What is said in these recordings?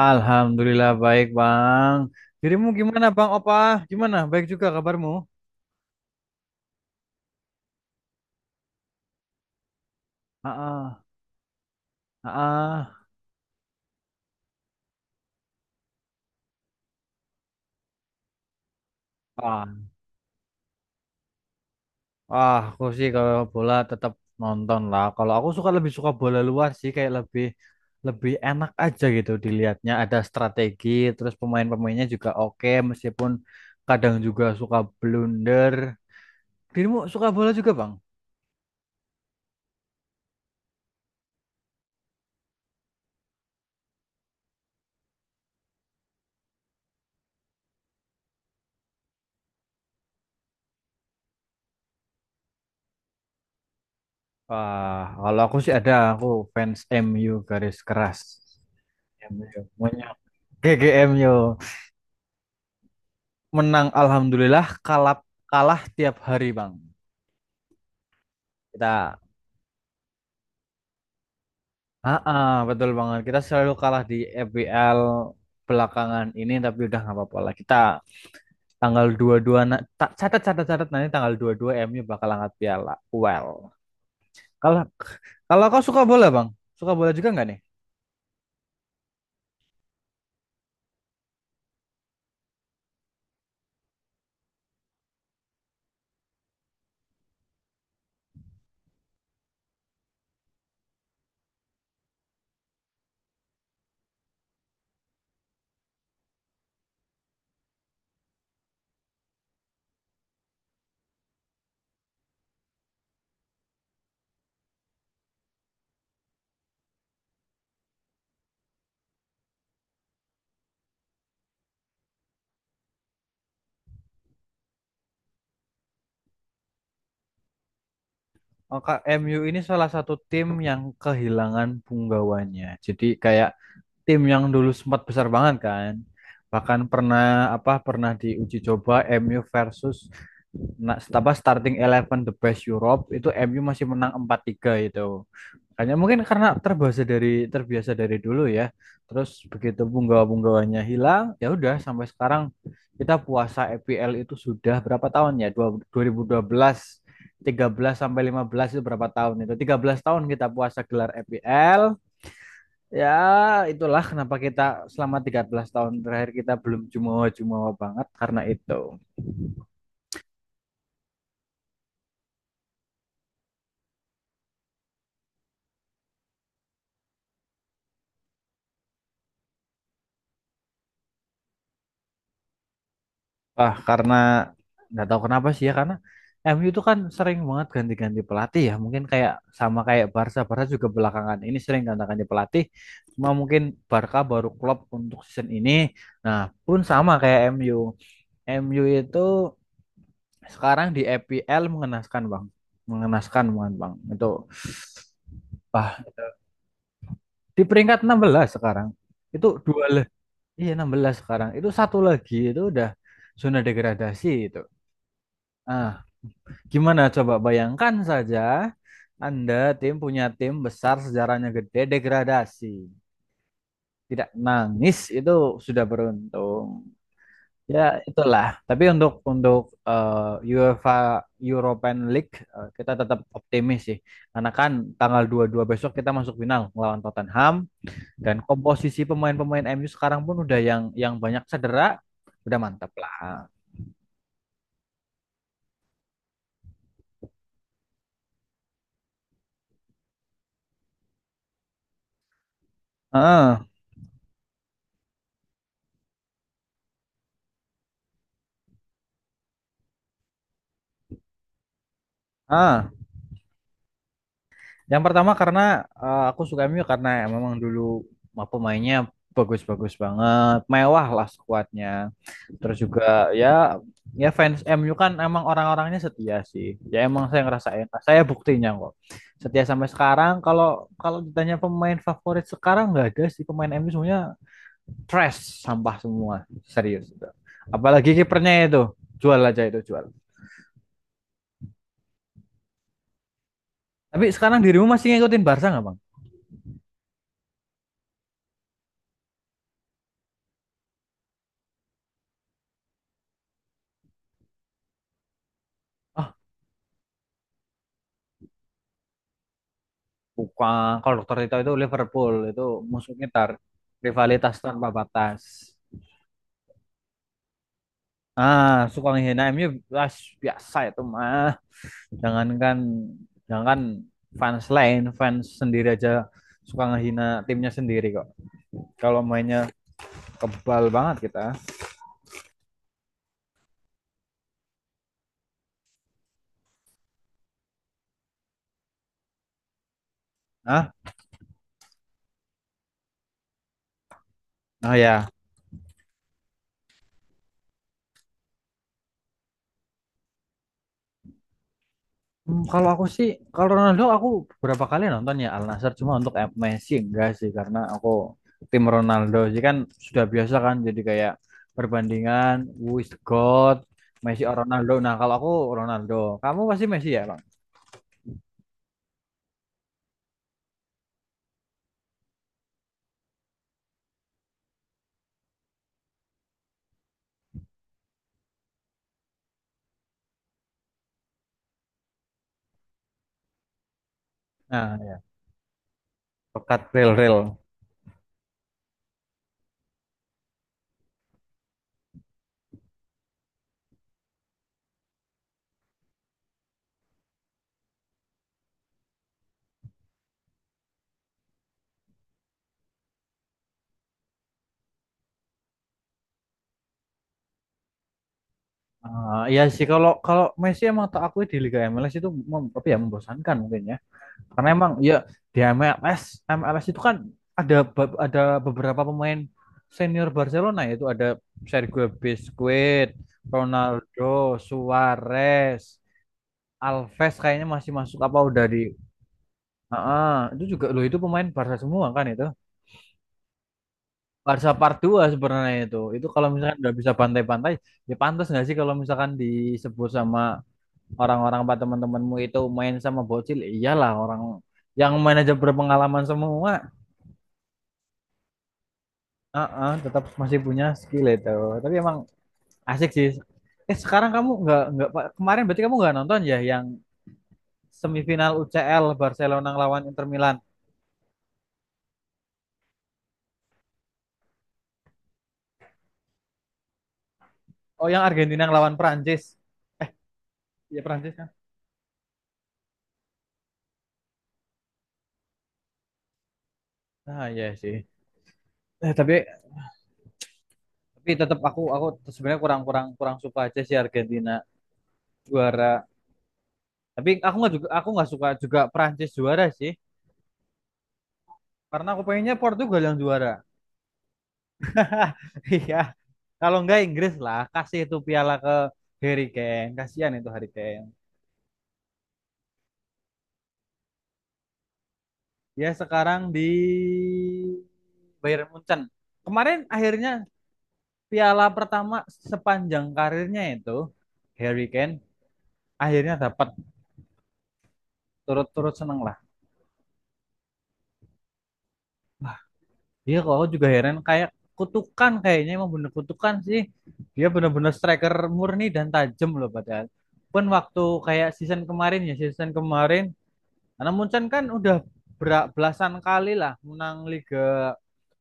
Alhamdulillah baik Bang. Dirimu gimana Bang Opa? Gimana? Baik juga kabarmu? Ah, ah, ah, ah, aku sih kalau bola tetap nonton lah. Kalau aku lebih suka bola luar sih, kayak lebih lebih enak aja gitu dilihatnya. Ada strategi, terus pemain-pemainnya juga oke, meskipun kadang juga suka blunder. Dirimu suka bola juga Bang? Ah, kalau aku sih ada, aku fans MU garis keras. MU, monyok. GGMU. Menang alhamdulillah, kalah kalah tiap hari, Bang. Kita ah, betul banget. Kita selalu kalah di FBL belakangan ini, tapi udah nggak apa-apa lah. Kita tanggal 22 catat, catat, catat, nanti tanggal 22 MU bakal angkat piala. Well. Kalau kalau kau suka bola, Bang? Suka bola juga nggak nih? Oh, Kak, MU ini salah satu tim yang kehilangan punggawanya. Jadi kayak tim yang dulu sempat besar banget kan. Bahkan pernah, apa, diuji coba MU versus na- apa starting eleven the best Europe, itu MU masih menang 4-3 itu. Hanya mungkin karena terbiasa dari dulu ya. Terus begitu punggawa-punggawanya hilang, ya udah, sampai sekarang kita puasa EPL itu sudah berapa tahun ya? 2012, 13 sampai 15, itu berapa tahun itu? 13 tahun kita puasa gelar EPL. Ya, itulah kenapa kita selama 13 tahun terakhir kita belum jumawa-jumawa banget karena itu. Ah, karena nggak tahu kenapa sih ya, karena MU itu kan sering banget ganti-ganti pelatih, ya mungkin kayak sama kayak Barca Barca juga belakangan ini sering ganti-ganti pelatih, cuma mungkin Barca baru klub untuk season ini. Nah, pun sama kayak MU MU itu sekarang di EPL mengenaskan bang, mengenaskan banget bang itu. Ah, di peringkat 16 sekarang itu. Iya, 16 sekarang itu, satu lagi itu udah zona degradasi itu. Ah, gimana, coba bayangkan saja Anda tim, punya tim besar sejarahnya gede, degradasi. Tidak nangis itu sudah beruntung. Ya, itulah. Tapi untuk UEFA European League, kita tetap optimis sih. Karena kan tanggal 22 besok kita masuk final melawan Tottenham, dan komposisi pemain-pemain MU sekarang pun udah yang banyak cedera, udah mantap lah. Heeh. Ah. Yang pertama karena aku suka MU karena memang dulu pemainnya bagus-bagus banget, mewah lah skuadnya. Terus juga ya, fans MU kan emang orang-orangnya setia sih. Ya emang saya ngerasain, nah, saya buktinya kok. Setia sampai sekarang. Kalau kalau ditanya pemain favorit sekarang nggak ada sih, pemain MU semuanya trash, sampah semua, serius, itu. Apalagi kipernya itu, jual aja itu, jual. Tapi sekarang dirimu masih ngikutin Barca nggak, bang? Bukan, kalau dokter Tito itu Liverpool, itu musuh ngitar. Rivalitas tanpa batas. Ah, suka menghina MU, ah, biasa itu mah. Jangankan, jangankan fans lain, fans sendiri aja suka ngehina timnya sendiri kok. Kalau mainnya, kebal banget kita. Ah, ah ya. Kalau aku sih, kalau Ronaldo aku beberapa kali nonton ya Al Nassr, cuma untuk Messi enggak sih, karena aku tim Ronaldo sih kan, sudah biasa kan, jadi kayak perbandingan who is the God, Messi or Ronaldo. Nah kalau aku Ronaldo, kamu pasti Messi ya bang. Nah ya, Pekat real real. Ah, iya sih, kalau kalau Messi emang tak akui di Liga MLS itu, apa ya, membosankan mungkin ya. Karena emang ya di MLS MLS itu kan ada ada beberapa pemain senior Barcelona, yaitu ada Sergio Busquets, Ronaldo, Suarez, Alves kayaknya masih masuk apa udah di. Heeh, itu juga loh, itu pemain Barca semua kan itu. Barca part 2 sebenarnya itu. Itu kalau misalkan nggak bisa pantai-pantai, ya pantas nggak sih kalau misalkan disebut sama orang-orang apa teman-temanmu itu main sama bocil, iyalah, orang yang manajer berpengalaman semua. Heeh, tetap masih punya skill itu. Tapi emang asik sih. Eh, sekarang kamu nggak Pak, kemarin berarti kamu nggak nonton ya yang semifinal UCL Barcelona ngelawan Inter Milan? Oh, yang Argentina ngelawan Prancis. Iya, Prancis kan? Ah, iya sih. Eh, tapi tetap aku, sebenarnya kurang, kurang suka aja sih Argentina juara. Tapi aku nggak juga, aku nggak suka juga Prancis juara sih. Karena aku pengennya Portugal yang juara. Iya. Kalau nggak, Inggris lah, kasih itu piala ke Harry Kane. Kasihan itu Harry Kane. Dia sekarang di Bayern Munchen. Kemarin akhirnya piala pertama sepanjang karirnya itu Harry Kane akhirnya dapat, turut-turut seneng lah. Dia kalau juga heran, kayak kutukan, kayaknya emang bener kutukan sih. Dia bener-bener striker murni dan tajam loh padahal. Pun waktu kayak season kemarin, karena Munchen kan udah belasan kali lah menang Liga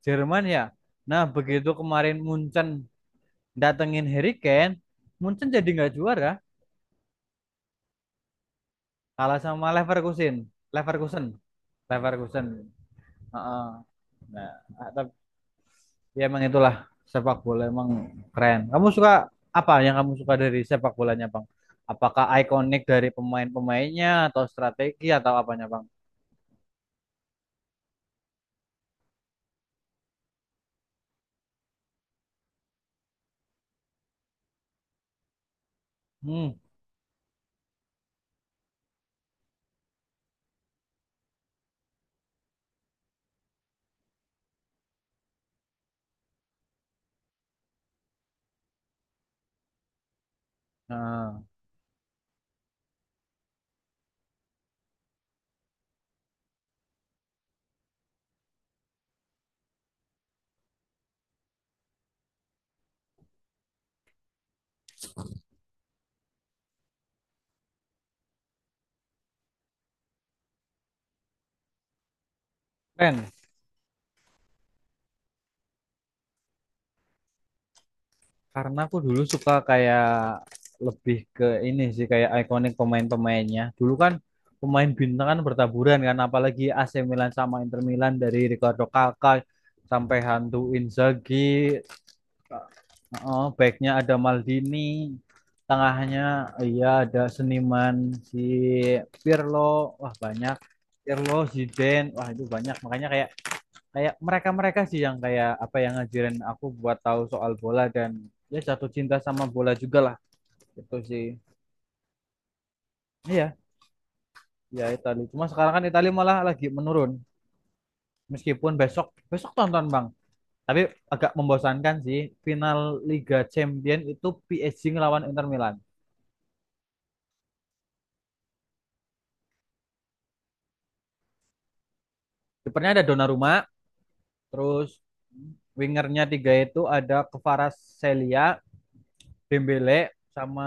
Jerman ya. Nah, begitu kemarin Munchen datengin Harry Kane, Munchen jadi nggak juara, kalah sama Leverkusen, Leverkusen, Leverkusen. Heeh. Nah, ah, tapi ya emang itulah, sepak bola emang keren. Kamu suka apa, yang kamu suka dari sepak bolanya, Bang? Apakah ikonik dari pemain-pemainnya atau strategi atau apanya, Bang? Hmm, nah, keren. Karena aku dulu suka kayak, lebih ke ini sih, kayak ikonik pemain-pemainnya. Dulu kan pemain bintang kan bertaburan kan, apalagi AC Milan sama Inter Milan, dari Ricardo Kakak sampai hantu Inzaghi, oh, backnya ada Maldini, tengahnya iya ada seniman si Pirlo, wah banyak. Pirlo, Zidane, wah itu banyak. Makanya kayak kayak mereka-mereka sih yang kayak apa yang ngajarin aku buat tahu soal bola dan ya, jatuh cinta sama bola juga lah gitu sih. Iya ya Itali, cuma sekarang kan Itali malah lagi menurun, meskipun besok, tonton bang. Tapi agak membosankan sih, final Liga Champion itu PSG ngelawan Inter Milan. Kipernya ada Donnarumma, terus wingernya tiga, itu ada Kvaratskhelia, Dembele, sama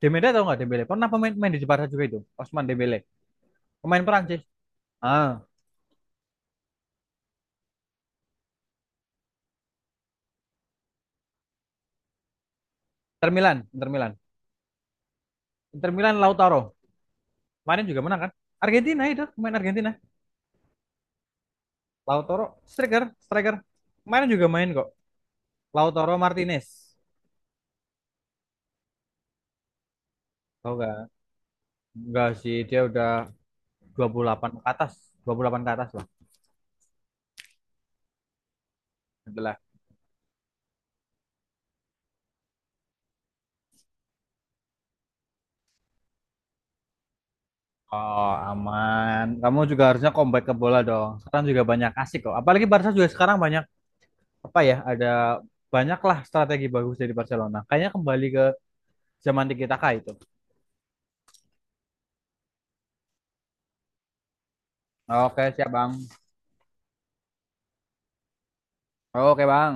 Dembele. Tau nggak Dembele? Pernah main di Jepara juga itu, Osman Dembele, pemain Perancis. Ah, Inter Milan, Inter Milan. Inter Milan Lautaro. Kemarin juga menang kan? Argentina itu, main Argentina. Lautaro, striker, striker. Kemarin juga main kok. Lautaro Martinez. Tahu nggak? Enggak sih, dia udah 28 ke atas. 28 ke atas lah. Itulah. Oh, aman. Kamu juga harusnya comeback ke bola dong. Sekarang juga banyak asik kok. Apalagi Barca juga sekarang banyak, apa ya? Ada banyaklah strategi bagus dari Barcelona. Kayaknya kembali ke zaman Tiki Taka itu. Oke, siap Bang. Oke, Bang.